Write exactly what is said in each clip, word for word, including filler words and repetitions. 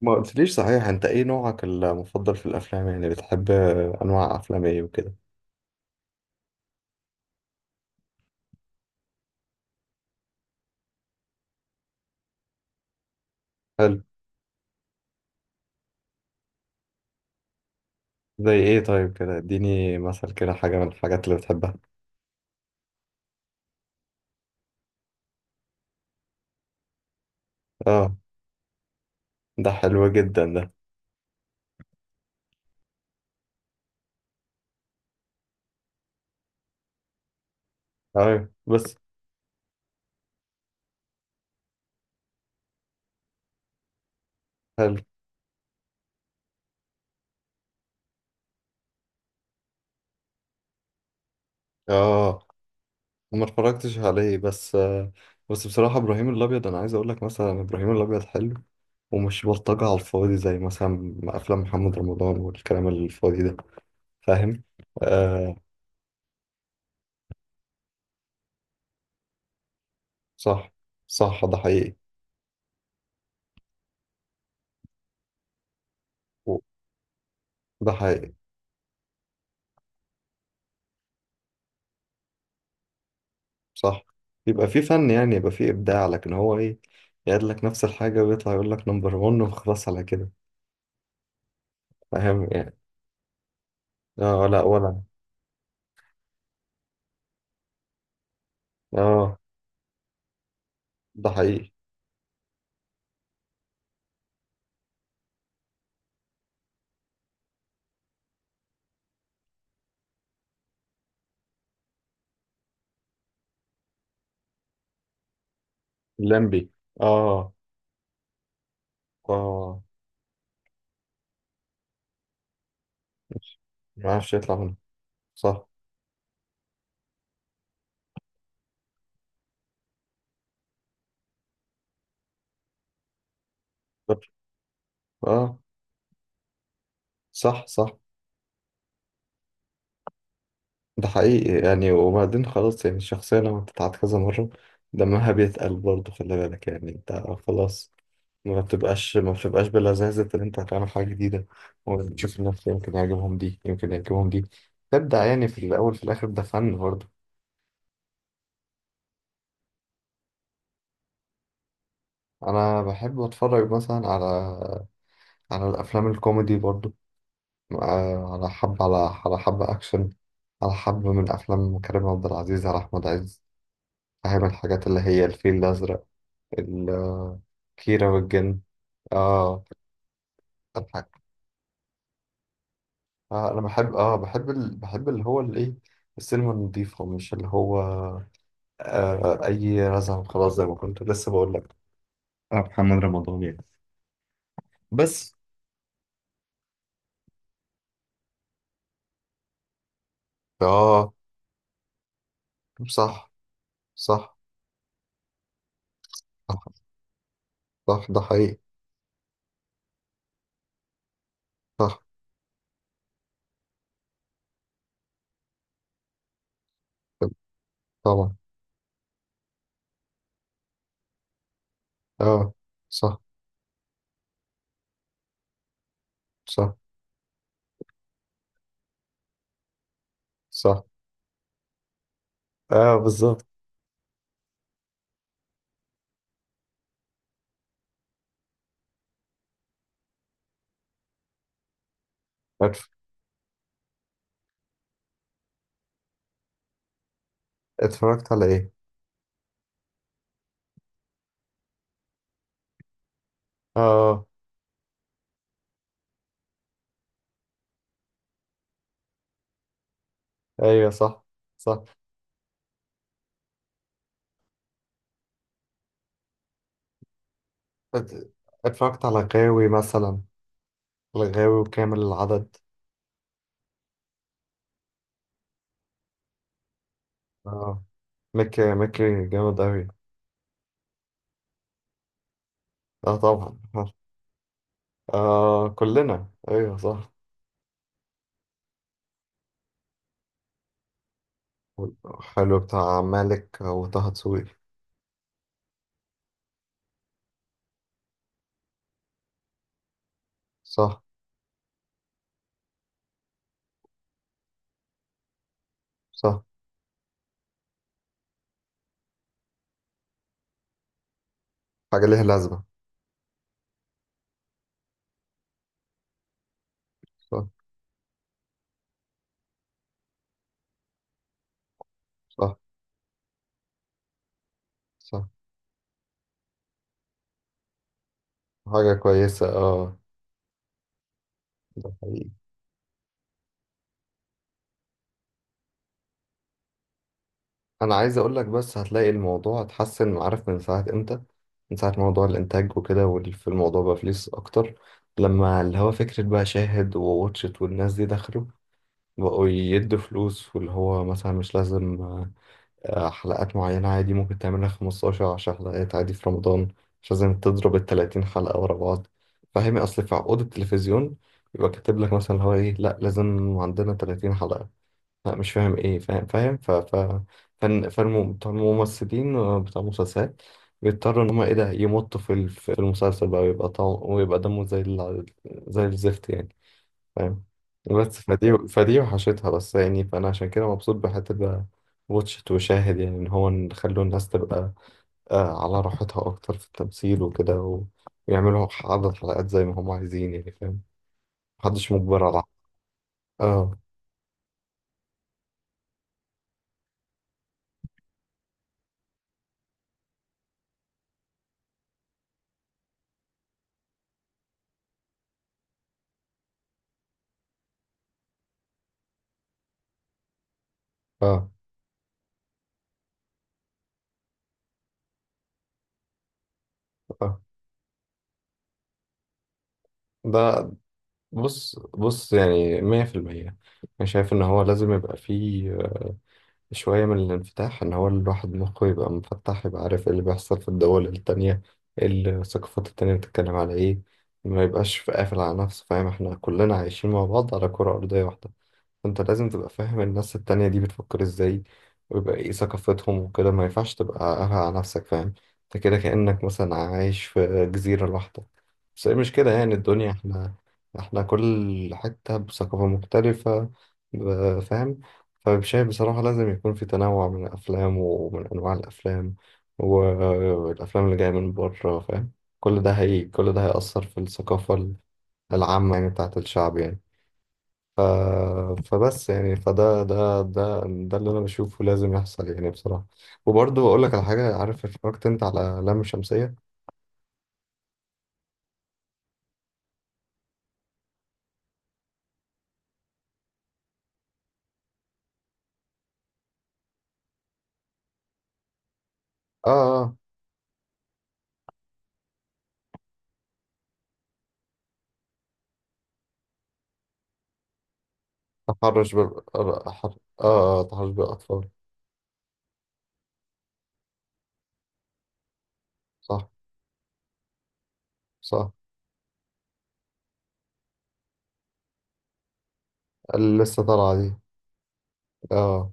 ما قلتليش، صحيح، انت ايه نوعك المفضل في الافلام؟ يعني بتحب انواع افلام ايه وكده؟ حلو. زي ايه طيب؟ كده اديني مثل كده حاجه من الحاجات اللي بتحبها. اه، ده حلو جدا ده. ايوه، بس. حلو. اه، ما اتفرجتش عليه، بس آه، بس بصراحه، ابراهيم الابيض، انا عايز اقول لك مثلا ابراهيم الابيض حلو. ومش بلطجه على الفاضي، زي مثلا افلام محمد رمضان والكلام الفاضي ده، فاهم؟ آه، صح، صح، ده حقيقي. و- ده حقيقي. صح، يبقى في فن، يعني يبقى في إبداع، لكن هو إيه؟ يعد لك نفس الحاجة ويطلع يقول لك نمبر واحد وخلاص على كده. فاهم يعني. آه، لا ولا. آه، ده حقيقي. لمبي. آه. آه، ما عرفش يطلع منه. صح. آه، صح، صح، ده حقيقي. يعني وبعدين خلاص، يعني الشخصية لما بتتعاد كذا مرة، دمها بيتقل برضه، خلي بالك يعني. أنت خلاص. ما بتبقاش ما بتبقاش بلذاذة إن أنت هتعمل حاجة جديدة، وتشوف الناس، يمكن يعجبهم دي، يمكن يعجبهم دي. تبدع يعني، في الأول في الآخر ده فن برضه. أنا بحب أتفرج مثلا على على الأفلام الكوميدي برضه. آه، على حب على على حب أكشن، على حب من أفلام كريم عبد العزيز، على أحمد عز. فاهم، الحاجات اللي هي الفيل الأزرق، ال- كيرة والجن. اه. الحاج. آه انا بحب اه بحب ال... بحب اللي هو الايه، السينما النظيفة، مش اللي هو آه، اي رزعه. خلاص، زي ما كنت لسه بقول لك، آه، محمد رمضان يعني. بس. اه، صح، صح، صح، صح، ده حقيقي. صح. طبعا. اه، صح، صح، صح. اه، بالظبط. اتف- اتفرجت على ايه؟ اه، ايوه، صح، صح. ات- اتفرجت على غاوي مثلا، الغاوي وكامل العدد. اه، مكي، مكي جامد اوي. اه طبعا. اه، كلنا. ايوه، صح. حلو، بتاع مالك وطه دسوقي. صح، صح. حاجة ليها لازمة. صح، صح، صح. حاجة كويسة. اه، ده حقيقي. أنا عايز أقول لك، بس هتلاقي الموضوع اتحسن، عارف من ساعة إمتى؟ من ساعة موضوع الإنتاج وكده، والف الموضوع بقى فلوس أكتر. لما اللي هو فكرة بقى شاهد وواتشت والناس دي دخلوا، بقوا يدوا فلوس، واللي هو مثلا مش لازم آه، حلقات معينة، عادي ممكن تعملها خمسة عشر عشرة حلقات عادي في رمضان. مش لازم تضرب ال تلاتين حلقة ورا بعض. فاهمي؟ أصل في عقود التلفزيون يبقى كاتب لك مثلا اللي هو إيه، لأ لازم عندنا تلاتين حلقة. لأ، مش فاهم إيه. فاهم، فاهم ف ف فن، فالم- بتوع الممثلين، آه، بتوع المسلسلات، بيضطروا إن هما إيه ده، يمطوا في ال- في المسلسل بقى، ويبقى طعم، ويبقى دمه زي ال- زي الزفت يعني. فاهم. بس فدي فدي وحشتها بس يعني، فأنا عشان كده مبسوط بحتة بقى واتشت وشاهد، يعني إن هو نخلوا الناس تبقى آه على راحتها أكتر في التمثيل وكده، و- ويعملوا عدد حلقات زي ما هم عايزين يعني، فاهم. محدش مجبر على. اه، اه، اه. ده. بص، بص، يعني مية في المية، أنا شايف إن هو لازم يبقى فيه شوية من الانفتاح، إن هو الواحد مخه يبقى منفتح، يبقى عارف إيه اللي بيحصل في الدول التانية، إيه الثقافات التانية بتتكلم على إيه. ما يبقاش قافل على نفسه، فاهم؟ إحنا كلنا عايشين مع بعض على كرة أرضية واحدة، فانت لازم تبقى فاهم الناس التانية دي بتفكر ازاي، ويبقى ايه ثقافتهم وكده. ما ينفعش تبقى قافل على نفسك، فاهم؟ انت كده كأنك مثلا عايش في جزيرة لوحدك، بس هي مش كده يعني الدنيا. احنا احنا كل حتة بثقافة مختلفة، ب- فاهم. فشايف بصراحة لازم يكون في تنوع من الأفلام ومن أنواع الأفلام والأفلام اللي جاية من بره، فاهم. كل ده هي كل ده هيأثر في الثقافة العامة يعني، بتاعت الشعب يعني. ف... فبس يعني، فده ده ده ده اللي انا بشوفه لازم يحصل يعني، بصراحة. وبرضه اقول لك على حاجة. عارف، اتفرجت انت على لام شمسية؟ اه، اه، تحرش بال اه أحر- آه، آه، تحرش بالاطفال. صح، صح. اللي لسه طالعة دي. اه،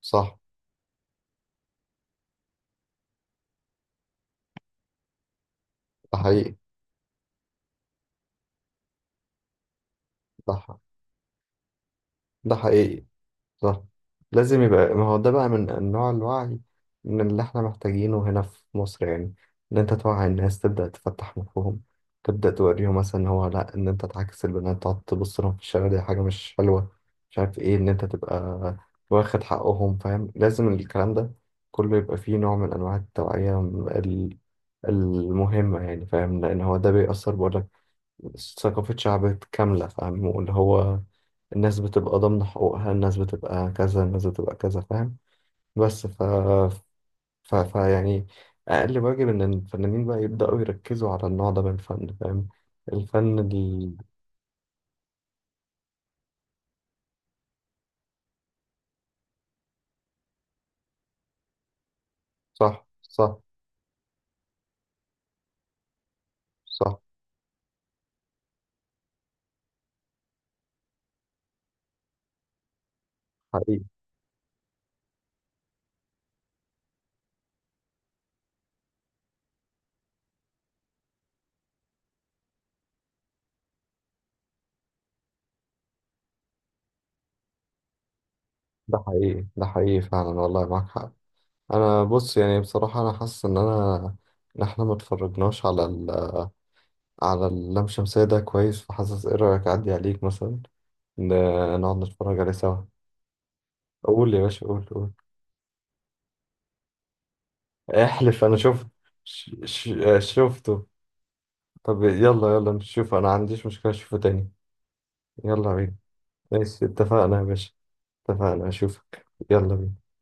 صح، ده حقيقي. ده ح- ده حقيقي. صح. لازم يبقى، ما هو ده بقى من انواع الوعي، من اللي احنا محتاجينه هنا في مصر يعني. ان انت توعي الناس، تبدأ تفتح مخهم، تبدأ توريهم مثلا إن هو لا، ان انت تعاكس البنات تقعد تبص لهم في الشارع، دي حاجة مش حلوة. مش عارف ايه، ان انت تبقى واخد حقهم. فاهم، لازم الكلام ده كله يبقى فيه نوع من انواع التوعية ال- المهمة يعني، فاهم. لان هو ده بيأثر، بقولك، ثقافة شعب كاملة، فاهم. واللي هو الناس بتبقى ضامنة حقوقها، الناس بتبقى كذا، الناس بتبقى كذا، فاهم. بس. ف... ف... ف يعني أقل واجب إن الفنانين بقى يبدأوا يركزوا على النوع ده من الفن، فاهم. الفن ال... صح، صح، صح، حقيقي، ده حقيقي، ده حقيقي فعلا، والله معاك حق. أنا بص، يعني بصراحة أنا حاسس إن أنا إن إحنا ما اتفرجناش على ال... على اللام شمسية ده كويس. فحاسس إيه رأيك، أعدي عليك مثلا ن- نقعد نتفرج عليه سوا. قول يا باشا، قول، قول. احلف، انا شفت. ش... ش... آه، شفته. طب يلا، يلا نشوف. انا ما عنديش مشكلة، اشوفه تاني. يلا بينا. ماشي، اتفقنا يا باشا. اتفقنا، اشوفك. يلا بينا.